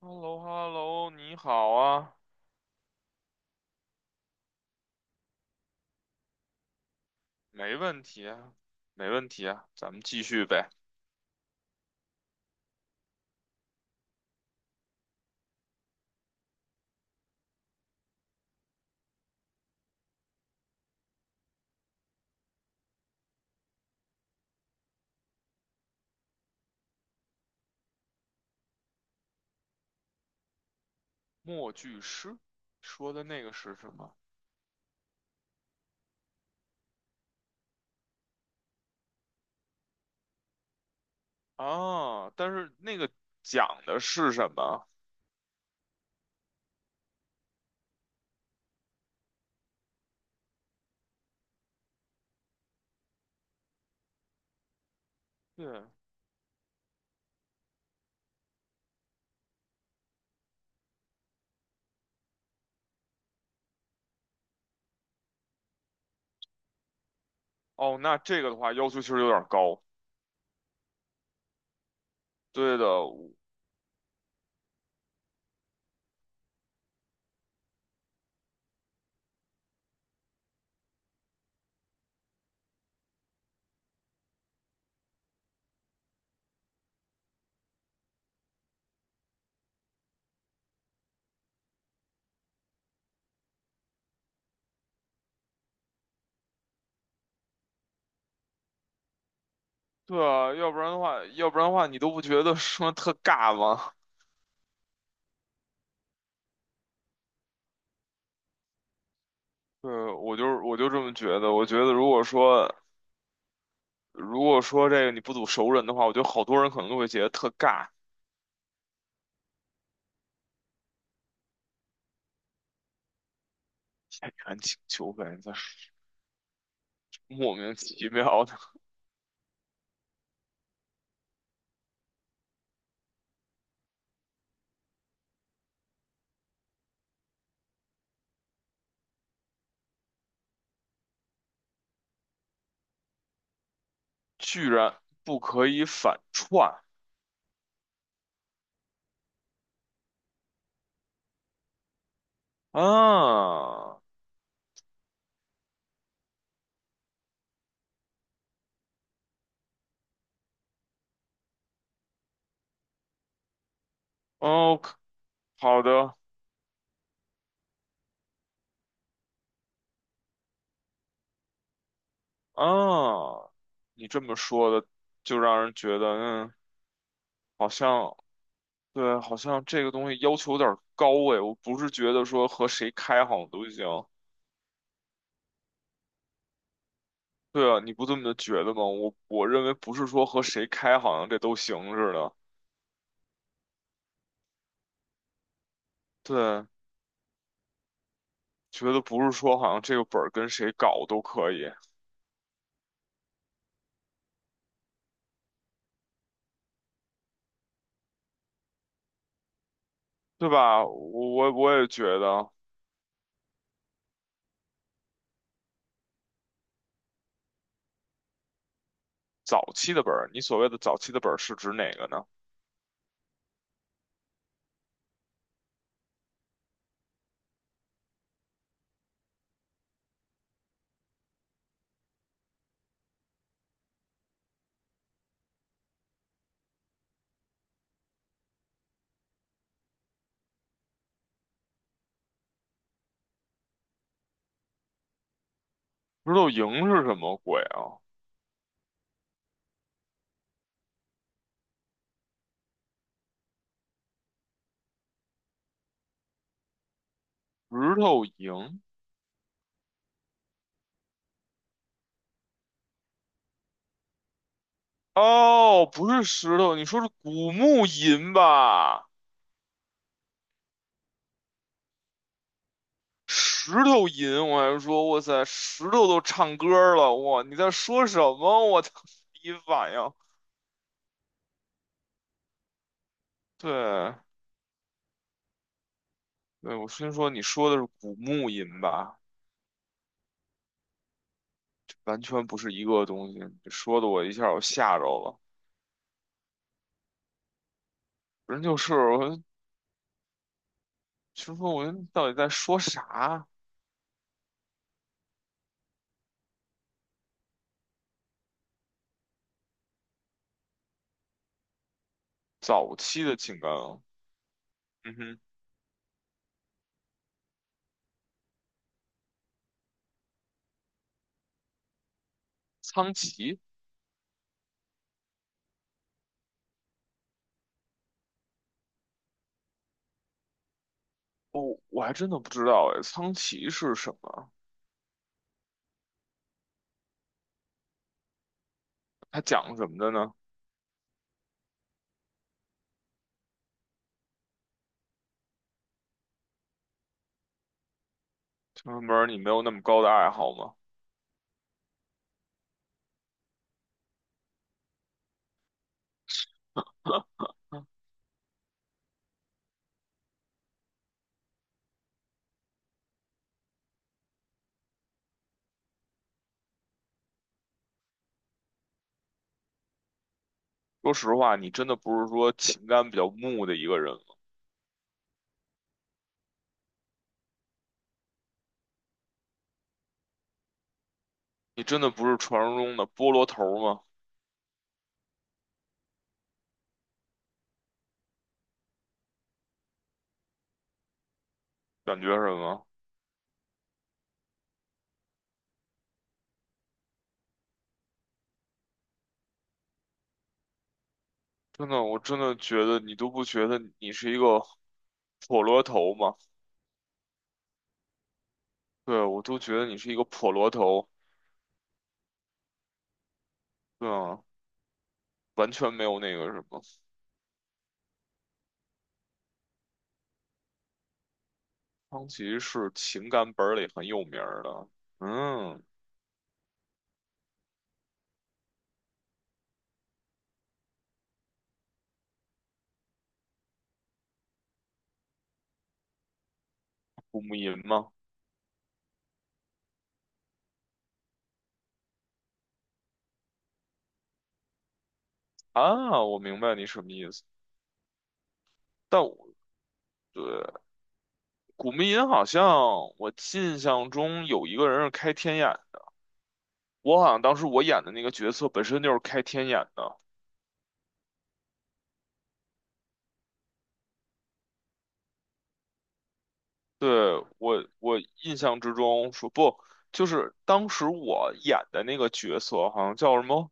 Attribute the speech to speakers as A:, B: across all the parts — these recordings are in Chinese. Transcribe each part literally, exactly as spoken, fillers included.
A: h e l l o h e l l o 你好啊。没问题啊，没问题啊，咱们继续呗。默剧诗说的那个是什么啊？但是那个讲的是什么？对。哦，那这个的话要求其实有点高。对的。对啊，要不然的话，要不然的话，你都不觉得说特尬吗？对，我就我就这么觉得。我觉得如果说如果说这个你不组熟人的话，我觉得好多人可能都会觉得特尬。演员请求呗，你在莫名其妙的，居然不可以反串啊。哦，好的。啊，你这么说的，就让人觉得，嗯，好像对，好像这个东西要求有点儿高哎。我不是觉得说和谁开好像都行。对啊，你不这么觉得吗？我我认为不是说和谁开好像这都行似的。对，觉得不是说好像这个本儿跟谁搞都可以。对吧？我我我也觉得。早期的本儿，你所谓的早期的本儿是指哪个呢？石头营是什么鬼啊？石头营？哦，不是石头，你说是古墓吟吧？石头吟，我还说，哇塞，石头都唱歌了，哇，你在说什么？我操，第一反应。对。对，我先说你说的是古墓吟吧，完全不是一个东西，你说的我一下我吓着了，人就是我，就说我到底在说啥？早期的情感。啊？嗯哼。苍崎。哦，我还真的不知道哎，苍崎是什么？他讲什么的呢？就是门儿你没有那么高的爱好吗？嗯，说实话，你真的不是说情感比较木的一个人吗？你真的不是传说中的菠萝头儿吗？感觉什么？真的，我真的觉得你都不觉得你是一个破萝头吗？对，我都觉得你是一个破萝头。对啊，完全没有那个什么。苍崎是情感本儿里很有名儿的。嗯。古木吟吗？啊，我明白你什么意思。但我对古茗吟好像我印象中有一个人是开天眼，我好像当时我演的那个角色本身就是开天眼的。对，我我印象之中说不，就是当时我演的那个角色好像叫什么，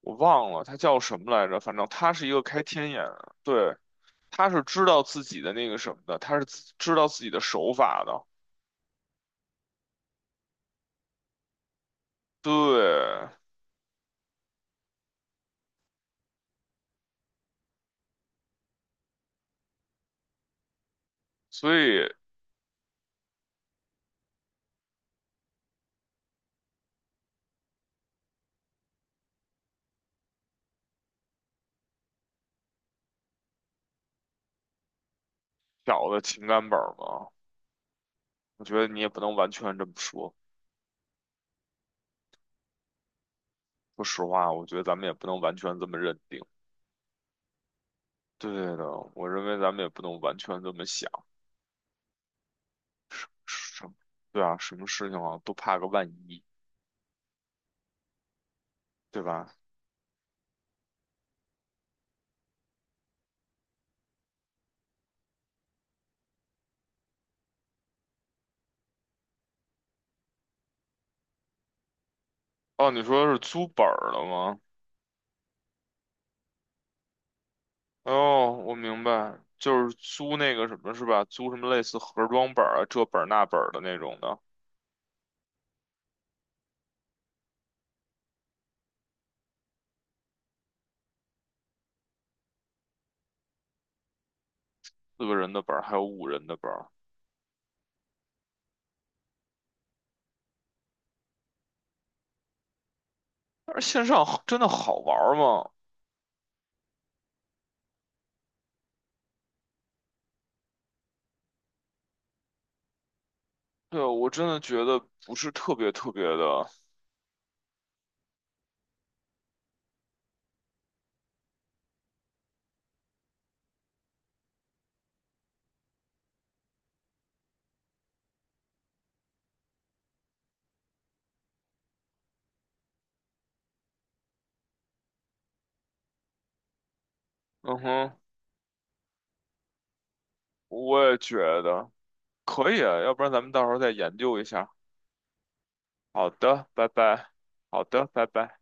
A: 我忘了他叫什么来着，反正他是一个开天眼，对，他是知道自己的那个什么的，他是自知道自己的手法的。对，所以小的情感本儿嘛。我觉得你也不能完全这么说。说实话，我觉得咱们也不能完全这么认定。对的，我认为咱们也不能完全这么想。什么？对啊，什么事情啊，都怕个万一。对吧？哦，你说是租本儿了吗？哦，我明白，就是租那个什么是吧？租什么类似盒装本儿啊，这本儿那本儿的那种的。四个人的本儿，还有五人的本儿。但是线上好真的好玩儿吗？对，我真的觉得不是特别特别的。嗯哼，我也觉得。可以啊，要不然咱们到时候再研究一下。好的，拜拜。好的，拜拜。